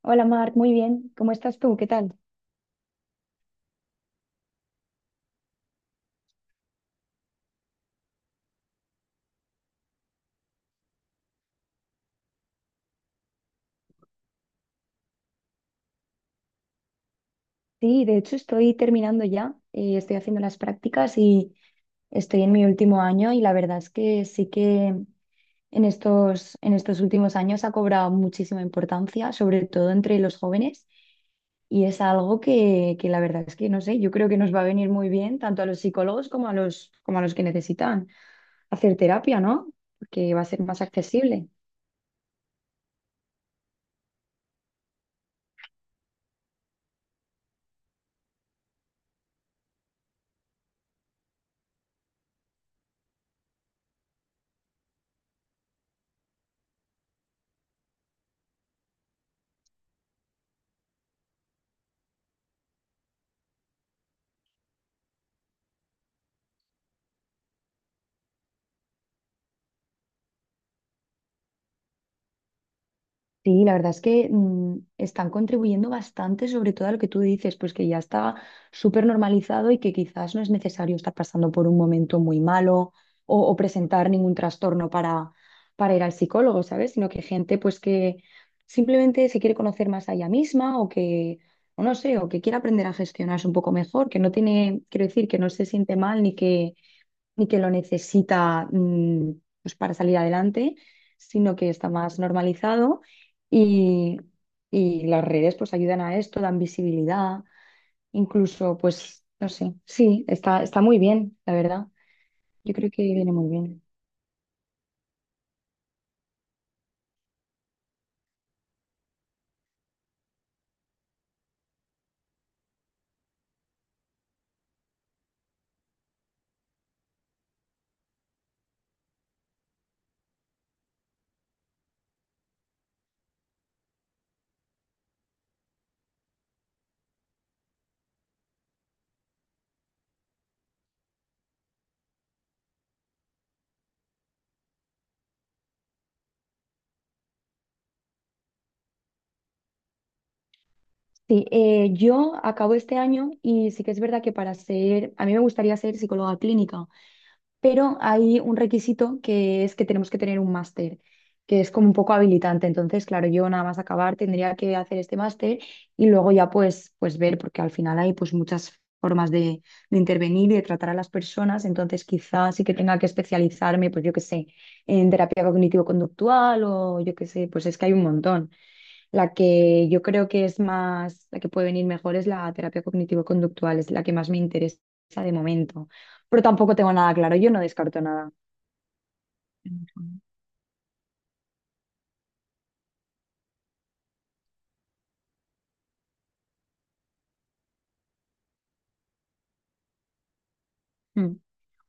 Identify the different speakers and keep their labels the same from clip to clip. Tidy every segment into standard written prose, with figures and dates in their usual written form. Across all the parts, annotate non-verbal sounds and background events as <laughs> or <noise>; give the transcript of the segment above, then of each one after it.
Speaker 1: Hola Marc, muy bien. ¿Cómo estás tú? ¿Qué tal? Sí, de hecho estoy terminando ya. Estoy haciendo las prácticas y estoy en mi último año y la verdad es que sí que en estos últimos años ha cobrado muchísima importancia, sobre todo entre los jóvenes. Y es algo que la verdad es que no sé, yo creo que nos va a venir muy bien tanto a los psicólogos como a los que necesitan hacer terapia, ¿no? Porque va a ser más accesible. Sí, la verdad es que están contribuyendo bastante, sobre todo a lo que tú dices, pues que ya está súper normalizado y que quizás no es necesario estar pasando por un momento muy malo o presentar ningún trastorno para ir al psicólogo, ¿sabes? Sino que gente pues que simplemente se quiere conocer más a ella misma o no sé, o que quiere aprender a gestionarse un poco mejor, que no tiene, quiero decir, que no se siente mal ni que y que lo necesita pues para salir adelante, sino que está más normalizado y, y las redes pues ayudan a esto, dan visibilidad, incluso pues no sé, sí, está muy bien, la verdad. Yo creo que viene muy bien. Sí, yo acabo este año y sí que es verdad que para ser, a mí me gustaría ser psicóloga clínica. Pero hay un requisito que es que tenemos que tener un máster, que es como un poco habilitante. Entonces, claro, yo nada más acabar tendría que hacer este máster y luego ya pues, pues ver, porque al final hay pues muchas formas de intervenir y de tratar a las personas, entonces quizás sí que tenga que especializarme, pues yo qué sé, en terapia cognitivo-conductual o yo qué sé, pues es que hay un montón. La que yo creo que es más, la que puede venir mejor es la terapia cognitivo-conductual, es la que más me interesa de momento. Pero tampoco tengo nada claro, yo no descarto nada. Mm.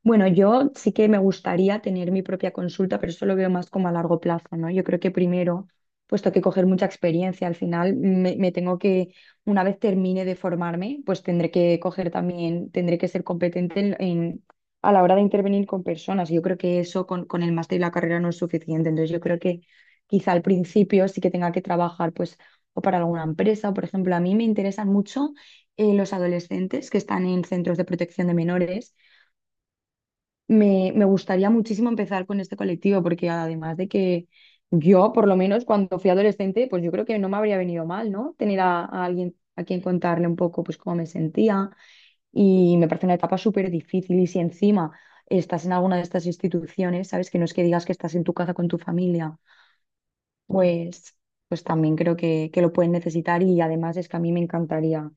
Speaker 1: Bueno, yo sí que me gustaría tener mi propia consulta, pero eso lo veo más como a largo plazo, ¿no? Yo creo que primero, puesto que coger mucha experiencia, al final me tengo que, una vez termine de formarme, pues tendré que coger también, tendré que ser competente a la hora de intervenir con personas. Yo creo que eso con el máster y la carrera no es suficiente. Entonces yo creo que quizá al principio sí que tenga que trabajar, pues, o para alguna empresa, o, por ejemplo, a mí me interesan mucho los adolescentes que están en centros de protección de menores. Me gustaría muchísimo empezar con este colectivo porque además de que yo, por lo menos cuando fui adolescente, pues yo creo que no me habría venido mal, ¿no? Tener a alguien a quien contarle un poco pues cómo me sentía y me parece una etapa súper difícil y si encima estás en alguna de estas instituciones, ¿sabes? Que no es que digas que estás en tu casa con tu familia, pues, pues también creo que lo pueden necesitar y además es que a mí me encantaría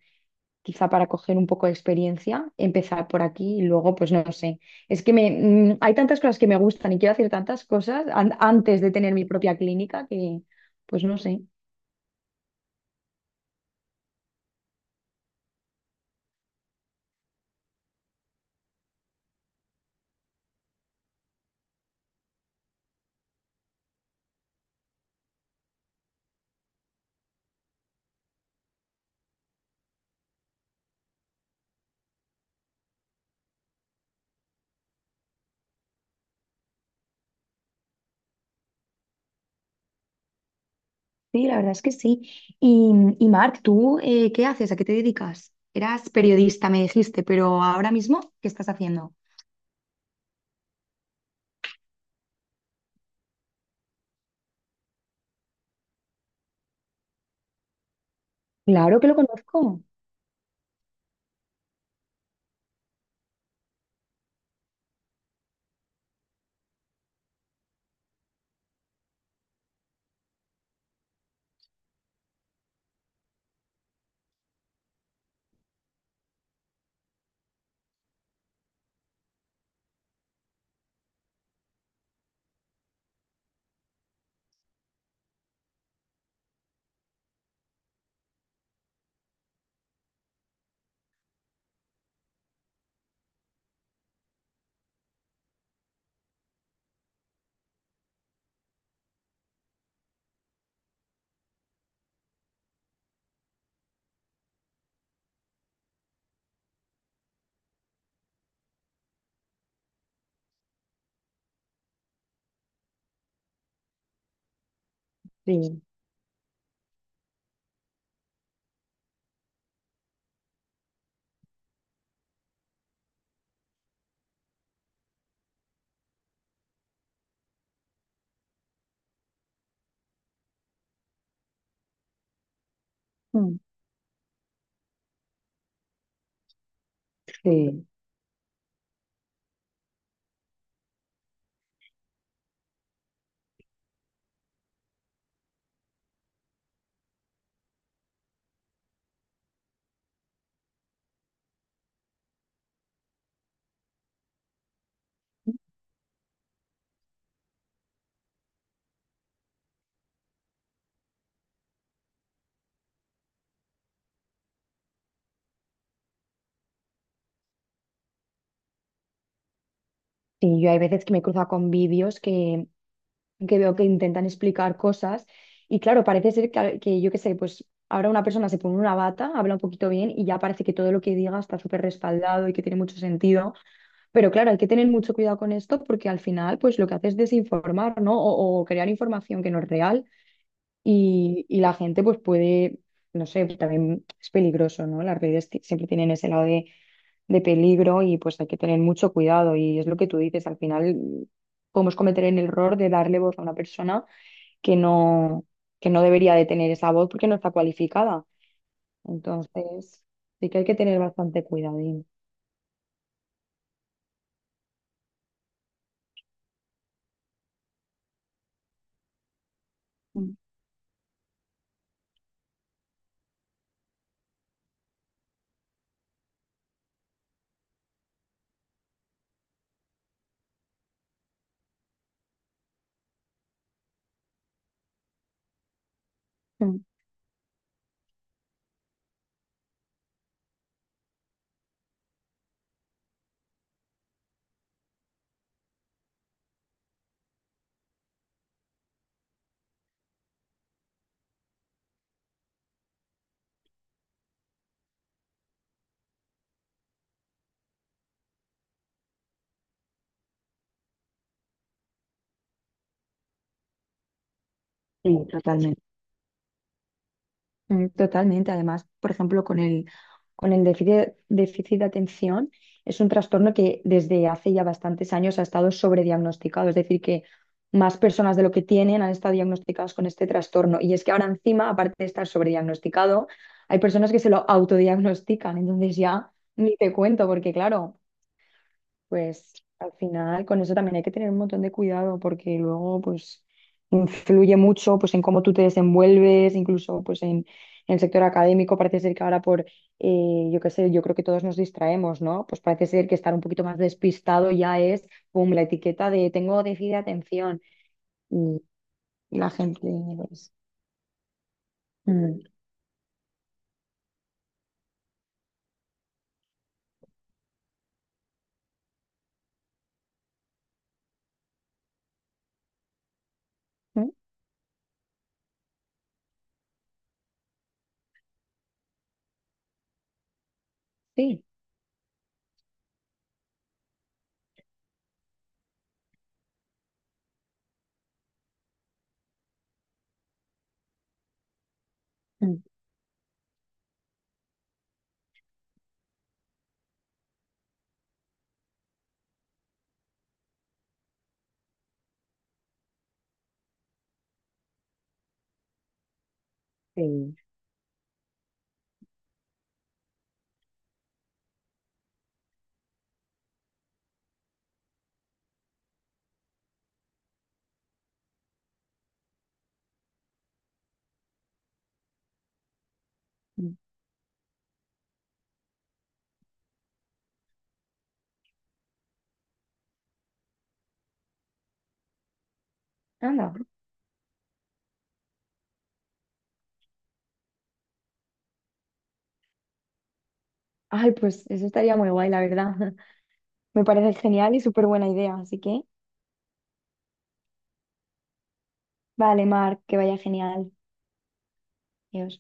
Speaker 1: quizá para coger un poco de experiencia, empezar por aquí y luego, pues no sé. Es que me, mm, Hay tantas cosas que me gustan y quiero hacer tantas cosas antes de tener mi propia clínica que, pues no sé. Sí, la verdad es que sí. Y, y Marc, ¿tú qué haces? ¿A qué te dedicas? Eras periodista, me dijiste, pero ahora mismo, ¿qué estás haciendo? Claro que lo conozco. Sí, mm, sí. Sí, yo hay veces que me he cruzado con vídeos que veo que intentan explicar cosas y claro, parece ser que yo qué sé, pues ahora una persona se pone una bata, habla un poquito bien y ya parece que todo lo que diga está súper respaldado y que tiene mucho sentido, pero claro, hay que tener mucho cuidado con esto porque al final pues lo que hace es desinformar, ¿no? O crear información que no es real y la gente pues puede, no sé, pues también es peligroso, ¿no? Las redes siempre tienen ese lado de peligro y pues hay que tener mucho cuidado y es lo que tú dices, al final podemos cometer el error de darle voz a una persona que no, que no debería de tener esa voz porque no está cualificada. Entonces, sí que hay que tener bastante cuidadín. Mm, mm, Sí, totalmente. Totalmente. Además, por ejemplo, con el déficit de atención, es un trastorno que desde hace ya bastantes años ha estado sobrediagnosticado. Es decir, que más personas de lo que tienen han estado diagnosticadas con este trastorno. Y es que ahora encima, aparte de estar sobrediagnosticado, hay personas que se lo autodiagnostican. Entonces ya ni te cuento, porque claro. Pues al final con eso también hay que tener un montón de cuidado porque luego pues influye mucho pues en cómo tú te desenvuelves, incluso pues en el sector académico parece ser que ahora yo qué sé, yo creo que todos nos distraemos, ¿no? Pues parece ser que estar un poquito más despistado ya es, pum, la etiqueta de tengo déficit de atención y, y la gente pues, mm, mm, sí, mm, sí. mm, Anda, ay, pues eso estaría muy guay, la verdad. <laughs> Me parece genial y súper buena idea, así que vale, Mar, que vaya genial. Adiós.